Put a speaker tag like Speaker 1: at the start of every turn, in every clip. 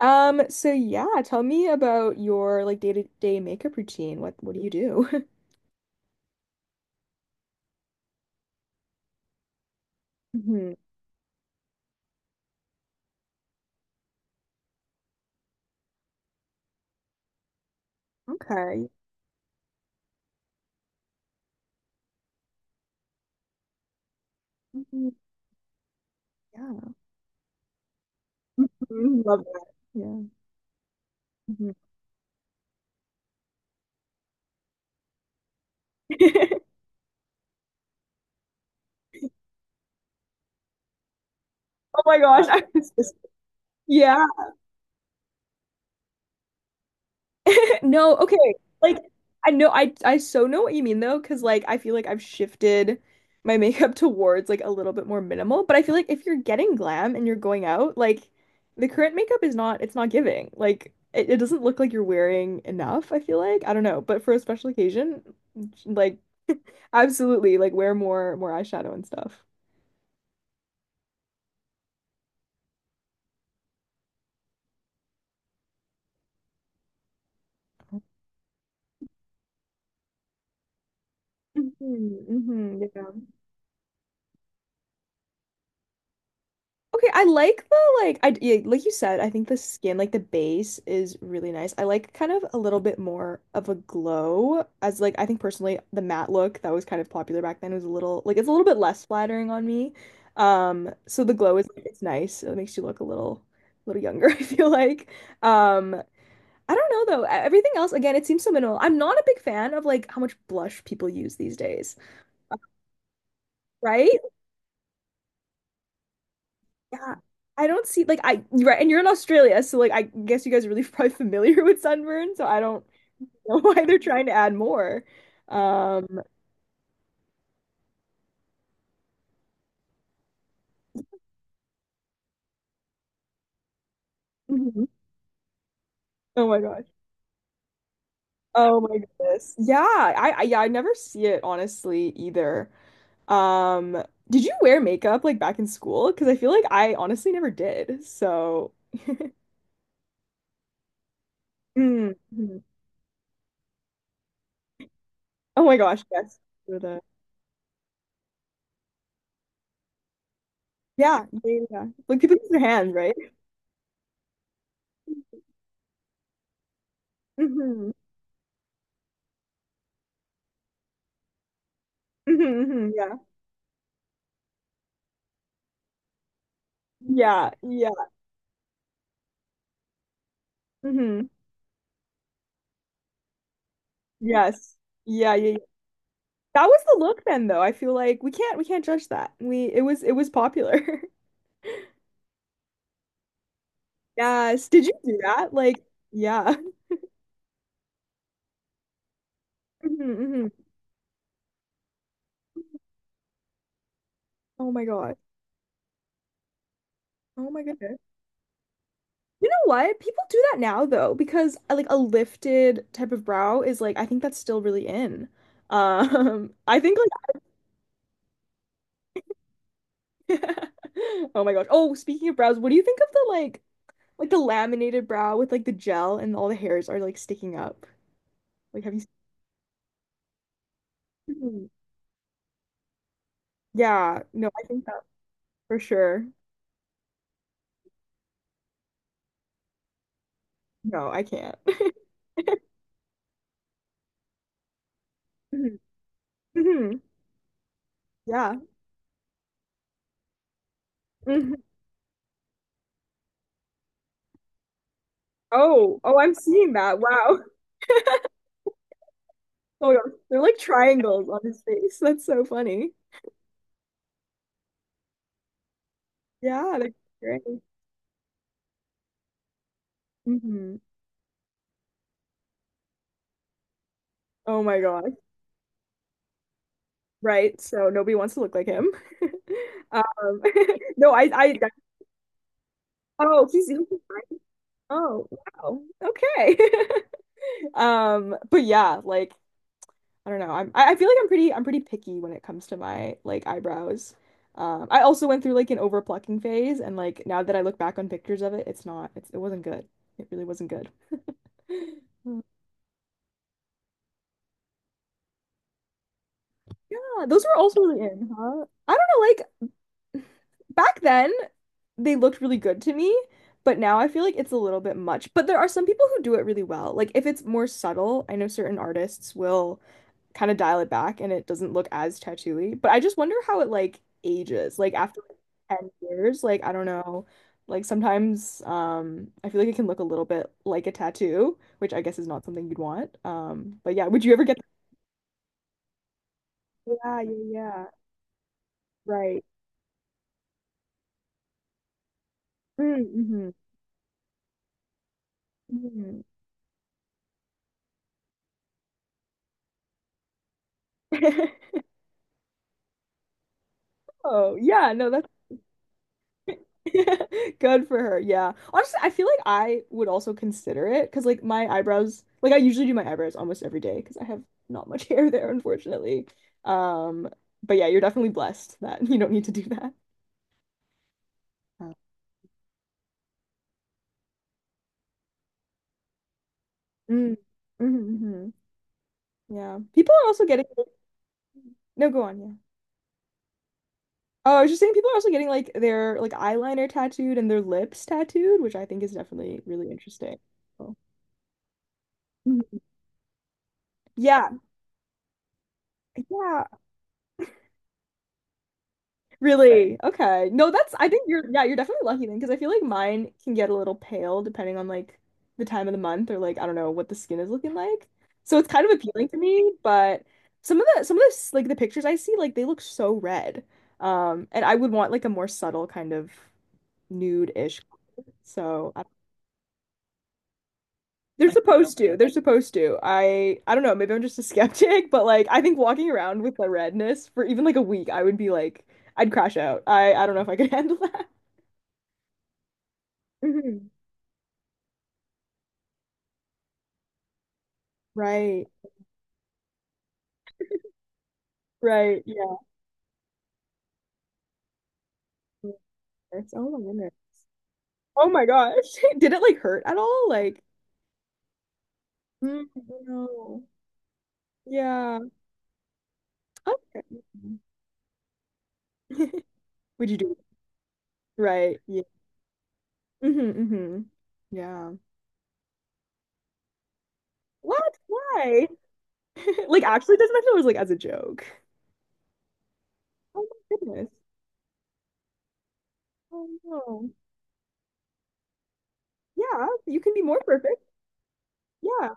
Speaker 1: So yeah, tell me about your, like, day-to-day makeup routine. What do you do? Hmm. Okay. Mhm. Yeah. Mhm. Love that. Yeah. Mhm. Oh my gosh, I was just, yeah. No, okay. Like, I know I so know what you mean though, because, like, I feel like I've shifted my makeup towards like a little bit more minimal. But I feel like if you're getting glam and you're going out, like, the current makeup is not it's not giving. Like, it doesn't look like you're wearing enough, I feel like. I don't know. But for a special occasion, like, absolutely, like, wear more eyeshadow and stuff. Hmm, hmm, yeah. Okay, I like the, like, I, yeah, like you said, I think the skin, like, the base is really nice. I like kind of a little bit more of a glow, as like I think personally the matte look that was kind of popular back then was a little like it's a little bit less flattering on me. So the glow is, like, it's nice. It makes you look a little younger, I feel like. Um I don't know though. Everything else again, it seems so minimal. I'm not a big fan of like how much blush people use these days, right? Yeah, I don't see, like, I, right, and you're in Australia, so, like, I guess you guys are really probably familiar with sunburn, so I don't know why they're trying to add more. Um, Mhm. Oh my gosh, oh my goodness, yeah, I yeah, I never see it honestly, either. Um, did you wear makeup, like, back in school? Because I feel like I honestly never did. So, mm, mhm. Oh my gosh, yes. You're the- yeah, yeah, yeah, yeah. Like, people use their hands, right? Hmm, hmm, hmm, yeah, yeah, yeah. Mhm. Yes. Yeah, yeah, yeah. That was the look then though. I feel like we can't judge that. We it was popular. Yes. Did you do that? Like, yeah. Mhm, mhm. Oh my God. Oh my goodness. You know what? People do that now though, because like a lifted type of brow is, like, I think that's still really in. I think, like, Oh my gosh. Oh, speaking of brows, what do you think of the, like the laminated brow with, like, the gel and all the hairs are like sticking up? Like, have you... Mhm. Yeah, no, I think for sure. No, I can't. Mhm. Mhm. Yeah. Mhm. Oh, oh, I'm seeing that. Wow. Oh, my gosh. They're like triangles on his face. That's so funny. Yeah, that's great. Hmm. Oh my gosh. Right. So nobody wants to look like him. Um, no, I, oh, he's, oh, wow. Okay. But yeah, like, I don't know. I feel like I'm pretty picky when it comes to my, like, eyebrows. I also went through like an over plucking phase, and, like, now that I look back on pictures of it, it's not, it's, it wasn't good. It really wasn't good. Mm. Yeah, those were also really in, huh? I don't know, like, back then they looked really good to me, but now I feel like it's a little bit much. But there are some people who do it really well. Like, if it's more subtle, I know certain artists will kind of dial it back and it doesn't look as tattooy. But I just wonder how it, like, ages. Like, after like 10 years, like, I don't know. Like, sometimes I feel like it can look a little bit like a tattoo, which I guess is not something you'd want. But yeah, would you ever get? Yeah, yeah, yeah. Right. Mm, mm-hmm. Oh, yeah, no, that's good for her. Yeah. Honestly, I feel like I would also consider it because, like, my eyebrows, like, I usually do my eyebrows almost every day because I have not much hair there, unfortunately. Um, but yeah, you're definitely blessed that you don't need to do that. Oh. Mm. Hmm. Yeah. People are also getting, no, go on. Yeah. Oh, I was just saying people are also getting, like, their, like, eyeliner tattooed and their lips tattooed, which I think is definitely really interesting. So- Mhm. Yeah. Yeah. Really? Okay. No, that's, I think you're, yeah, you're definitely lucky then because I feel like mine can get a little pale depending on, like, the time of the month, or, like, I don't know what the skin is looking like. So it's kind of appealing to me, but some of this, like, the pictures I see, like, they look so red. And I would want, like, a more subtle kind of nude-ish. So I- they're supposed to. They're supposed to. I don't know, maybe I'm just a skeptic, but, like, I think walking around with the redness for even, like, a week, I would be like I'd crash out. I don't know if I could handle that. Mhm. Right, right, yeah. Goodness. Oh my goodness. Oh my gosh. Did it, like, hurt at all? Like, mm, no. Yeah. Okay. Would you do it? Right. Yeah. Hmm, hmm. Yeah. What? Why? Like, actually, doesn't that, it was like as a joke? Oh my goodness. Oh no. Yeah, you can be more perfect. Yeah.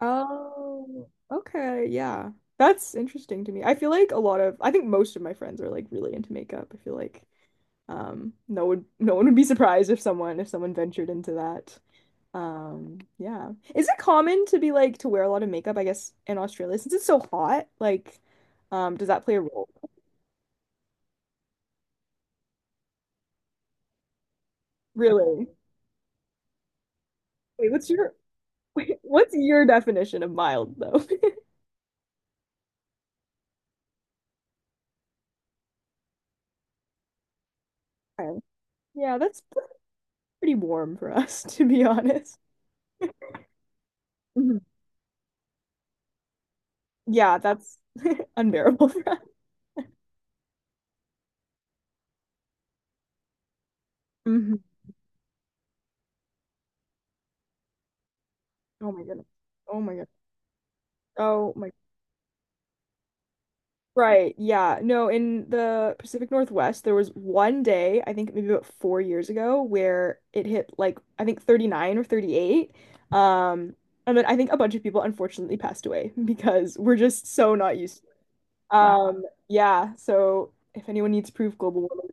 Speaker 1: Oh, okay. Yeah. That's interesting to me. I feel like a lot of, I think most of my friends are, like, really into makeup. I feel like. No one would be surprised if someone ventured into that. Yeah. Is it common to be like to wear a lot of makeup, I guess, in Australia since it's so hot? Like, does that play a role? Really? Wait, what's your wait, what's your definition of mild though? Okay. Yeah, that's pretty warm for us, to be honest. Mhm. Yeah, that's unbearable for us. Mhm. Oh my goodness. Oh my goodness. Oh my Right, yeah. No, in the Pacific Northwest, there was one day, I think maybe about 4 years ago, where it hit like I think 39 or 38. Um, and then I think a bunch of people unfortunately passed away because we're just so not used to it. Wow. Yeah, so if anyone needs proof, global warming.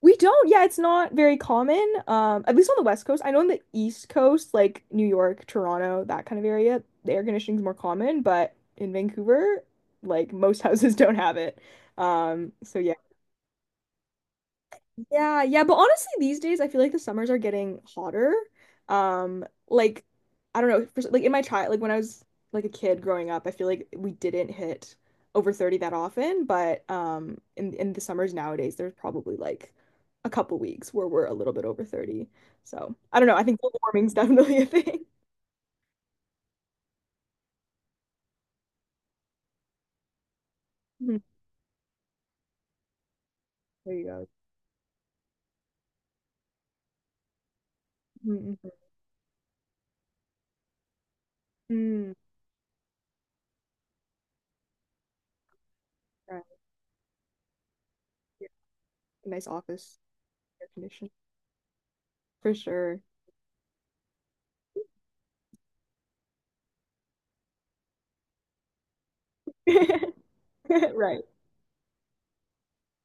Speaker 1: We don't. Yeah, it's not very common. At least on the West Coast. I know on the East Coast, like New York, Toronto, that kind of area, the air conditioning's more common, but in Vancouver, like, most houses don't have it. So yeah. Yeah, yeah, but honestly, these days I feel like the summers are getting hotter. Like, I don't know, for, like, in my child, like, when I was like a kid growing up, I feel like we didn't hit over 30 that often, but in the summers nowadays, there's probably like a couple weeks where we're a little bit over 30. So, I don't know, I think global warming's definitely a thing. Mhm. There you go. Mm, mm, mm. Right. Yeah. Nice office air conditioning for sure. Right.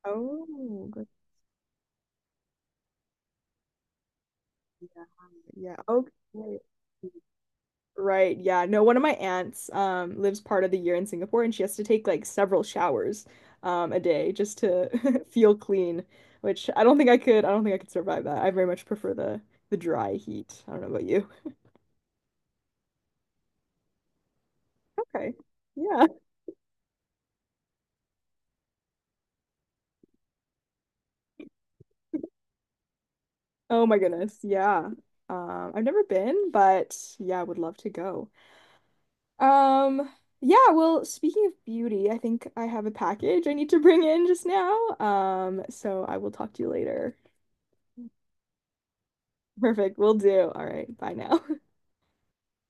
Speaker 1: Oh, good. Yeah. Okay. Right. Yeah. No, one of my aunts lives part of the year in Singapore and she has to take like several showers a day just to feel clean, which I don't think I could I don't think I could survive that. I very much prefer the dry heat. I don't know about you. Okay. Yeah. Oh my goodness. Yeah. I've never been, but yeah, I would love to go. Um yeah, well, speaking of beauty, I think I have a package I need to bring in just now. So I will talk to you later. Perfect. We'll do. All right. Bye now.